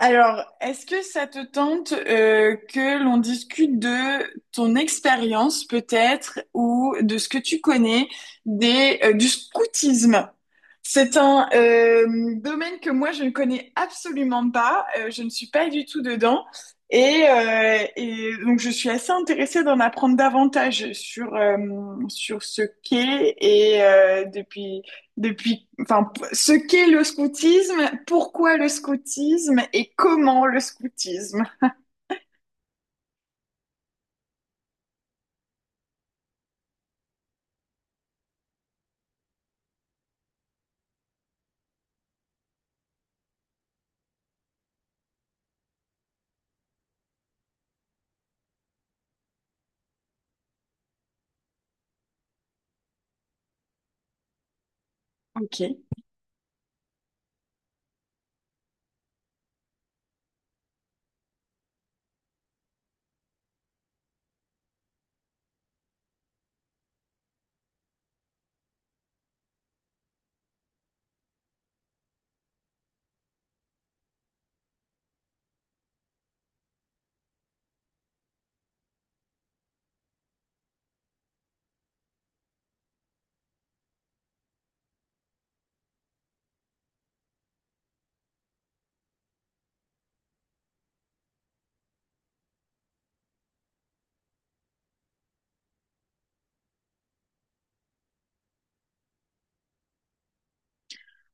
Alors, est-ce que ça te tente que l'on discute de ton expérience peut-être ou de ce que tu connais des, du scoutisme? C'est un domaine que moi je ne connais absolument pas, je ne suis pas du tout dedans et donc je suis assez intéressée d'en apprendre davantage sur, sur ce qu'est et depuis, ce qu'est le scoutisme, pourquoi le scoutisme et comment le scoutisme. Ok.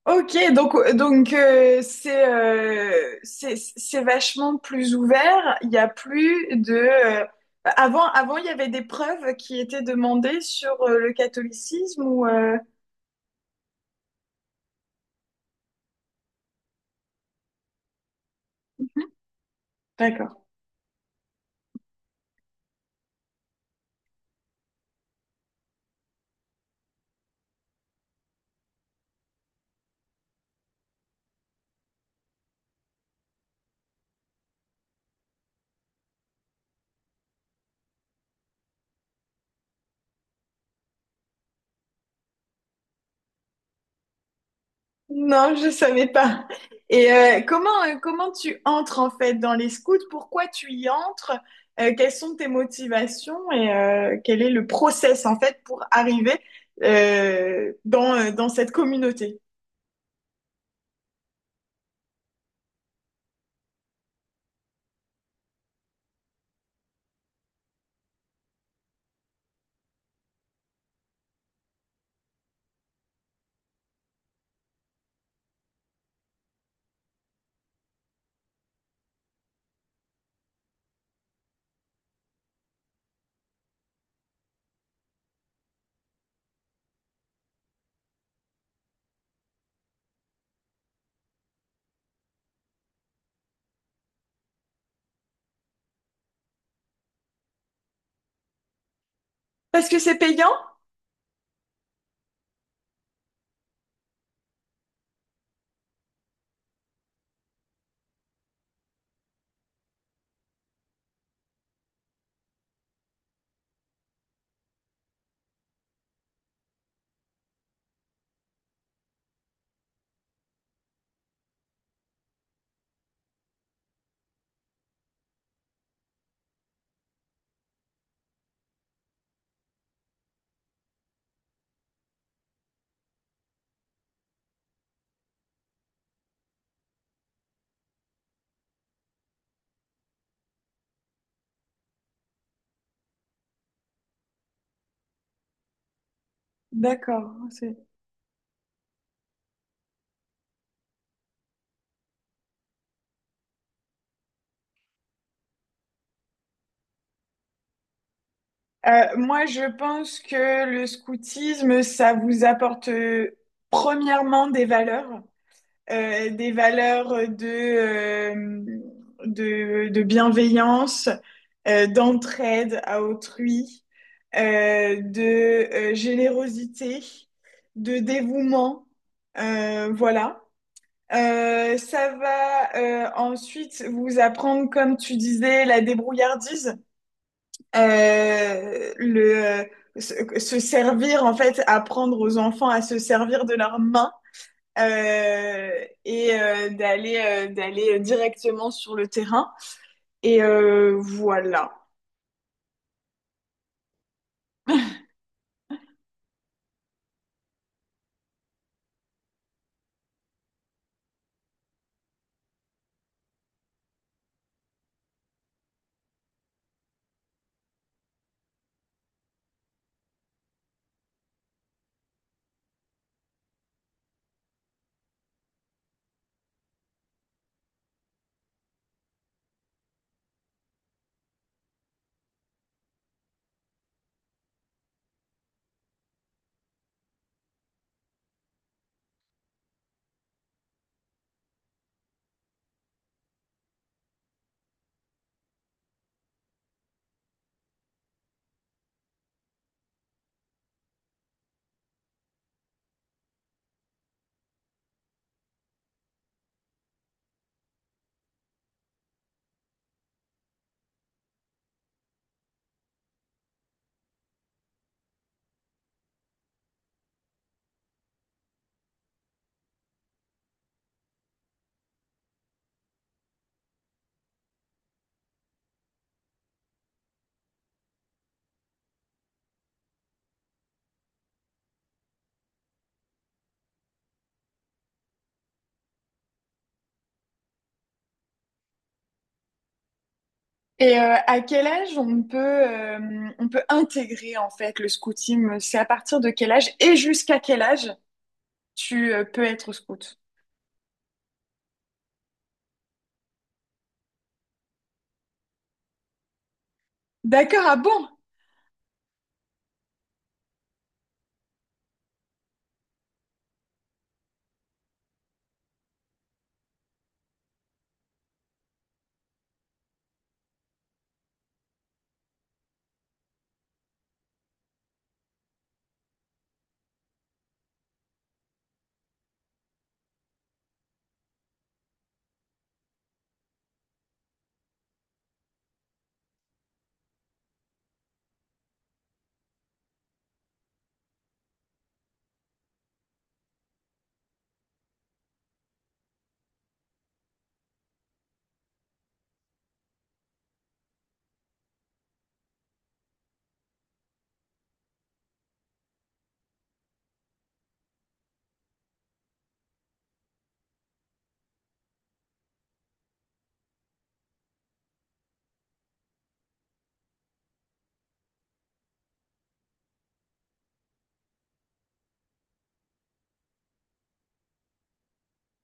Ok, donc, c'est, c'est vachement plus ouvert. Il y a plus de avant il y avait des preuves qui étaient demandées sur le catholicisme ou d'accord. Non, je savais pas. Et comment, comment tu entres en fait dans les scouts? Pourquoi tu y entres? Quelles sont tes motivations et quel est le process en fait pour arriver dans, dans cette communauté? Parce que c'est payant? D'accord. C'est- moi, je pense que le scoutisme, ça vous apporte premièrement des valeurs. Des valeurs de bienveillance, d'entraide à autrui, de générosité, de dévouement. Voilà. Ça va ensuite vous apprendre, comme tu disais, la débrouillardise, le, se, se servir, en fait, apprendre aux enfants à se servir de leurs mains d'aller d'aller directement sur le terrain. Et voilà. Et à quel âge on peut intégrer en fait le scoutisme? C'est à partir de quel âge et jusqu'à quel âge tu peux être scout? D'accord, ah bon?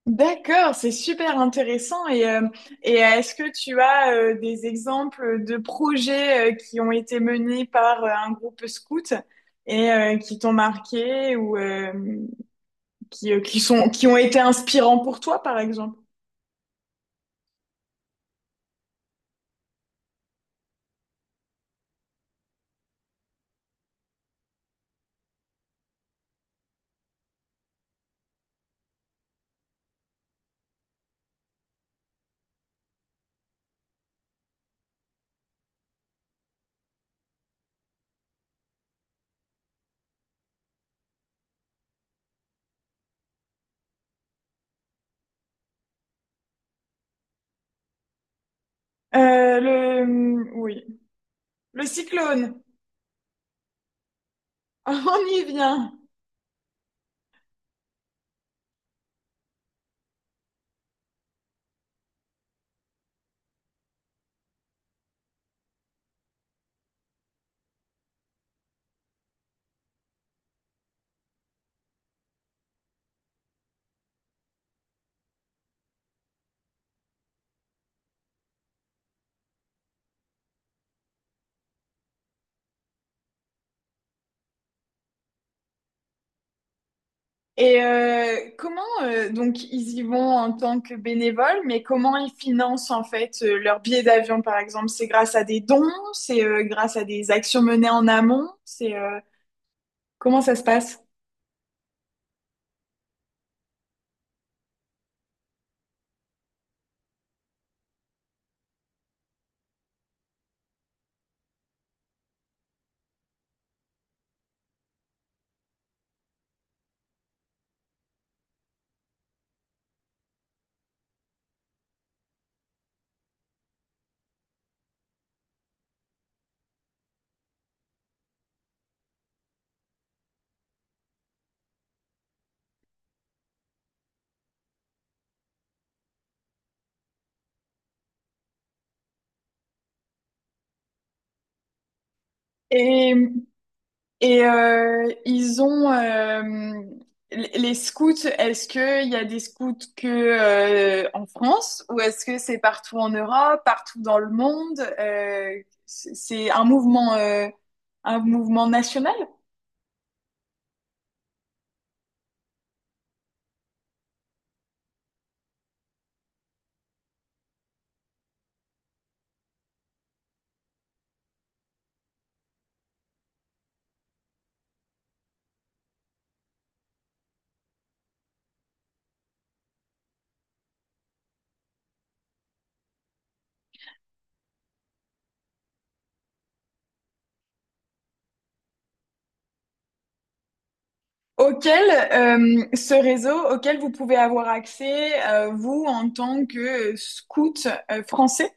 D'accord, c'est super intéressant. Et est-ce que tu as des exemples de projets qui ont été menés par un groupe scout et qui t'ont marqué ou qui, sont, qui ont été inspirants pour toi, par exemple. Oui. Le cyclone, on y vient. Et comment, donc, ils y vont en tant que bénévoles, mais comment ils financent, en fait, leur billet d'avion, par exemple? C'est grâce à des dons? C'est grâce à des actions menées en amont? C'est comment ça se passe? Et Et ils ont les scouts. Est-ce que il y a des scouts que en France ou est-ce que c'est partout en Europe, partout dans le monde? C'est un mouvement national auquel ce réseau auquel vous pouvez avoir accès vous en tant que scout français.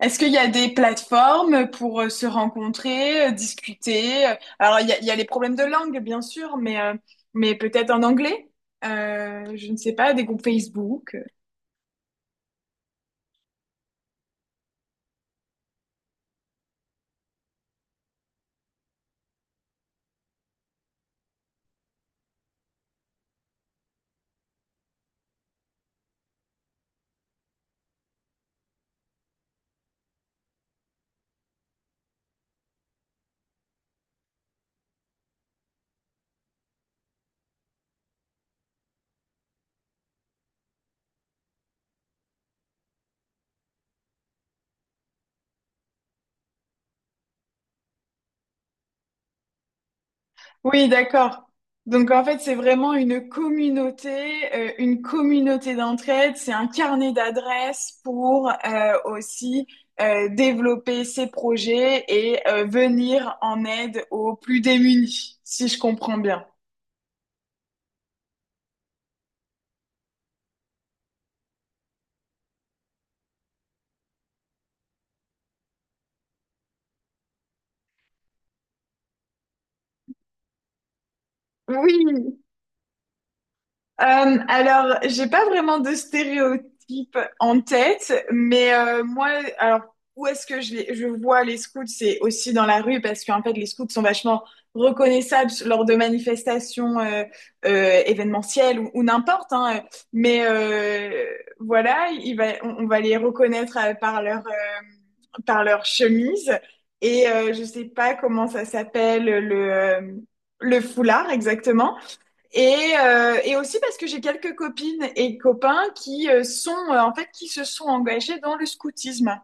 Est-ce qu'il y a des plateformes pour se rencontrer, discuter? Euh, alors, il y a les problèmes de langue, bien sûr, mais peut-être en anglais? Je ne sais pas, des groupes Facebook. Oui, d'accord. Donc, en fait, c'est vraiment une communauté d'entraide. C'est un carnet d'adresses pour aussi développer ses projets et venir en aide aux plus démunis, si je comprends bien. Oui, alors, j'ai pas vraiment de stéréotype en tête, mais moi, alors où est-ce que je, je vois les scouts, c'est aussi dans la rue parce qu'en fait, les scouts sont vachement reconnaissables lors de manifestations événementielles ou n'importe, hein. Mais voilà, il va, on va les reconnaître par leur chemise et je sais pas comment ça s'appelle le foulard exactement. Et aussi parce que j'ai quelques copines et copains qui sont en fait qui se sont engagés dans le scoutisme.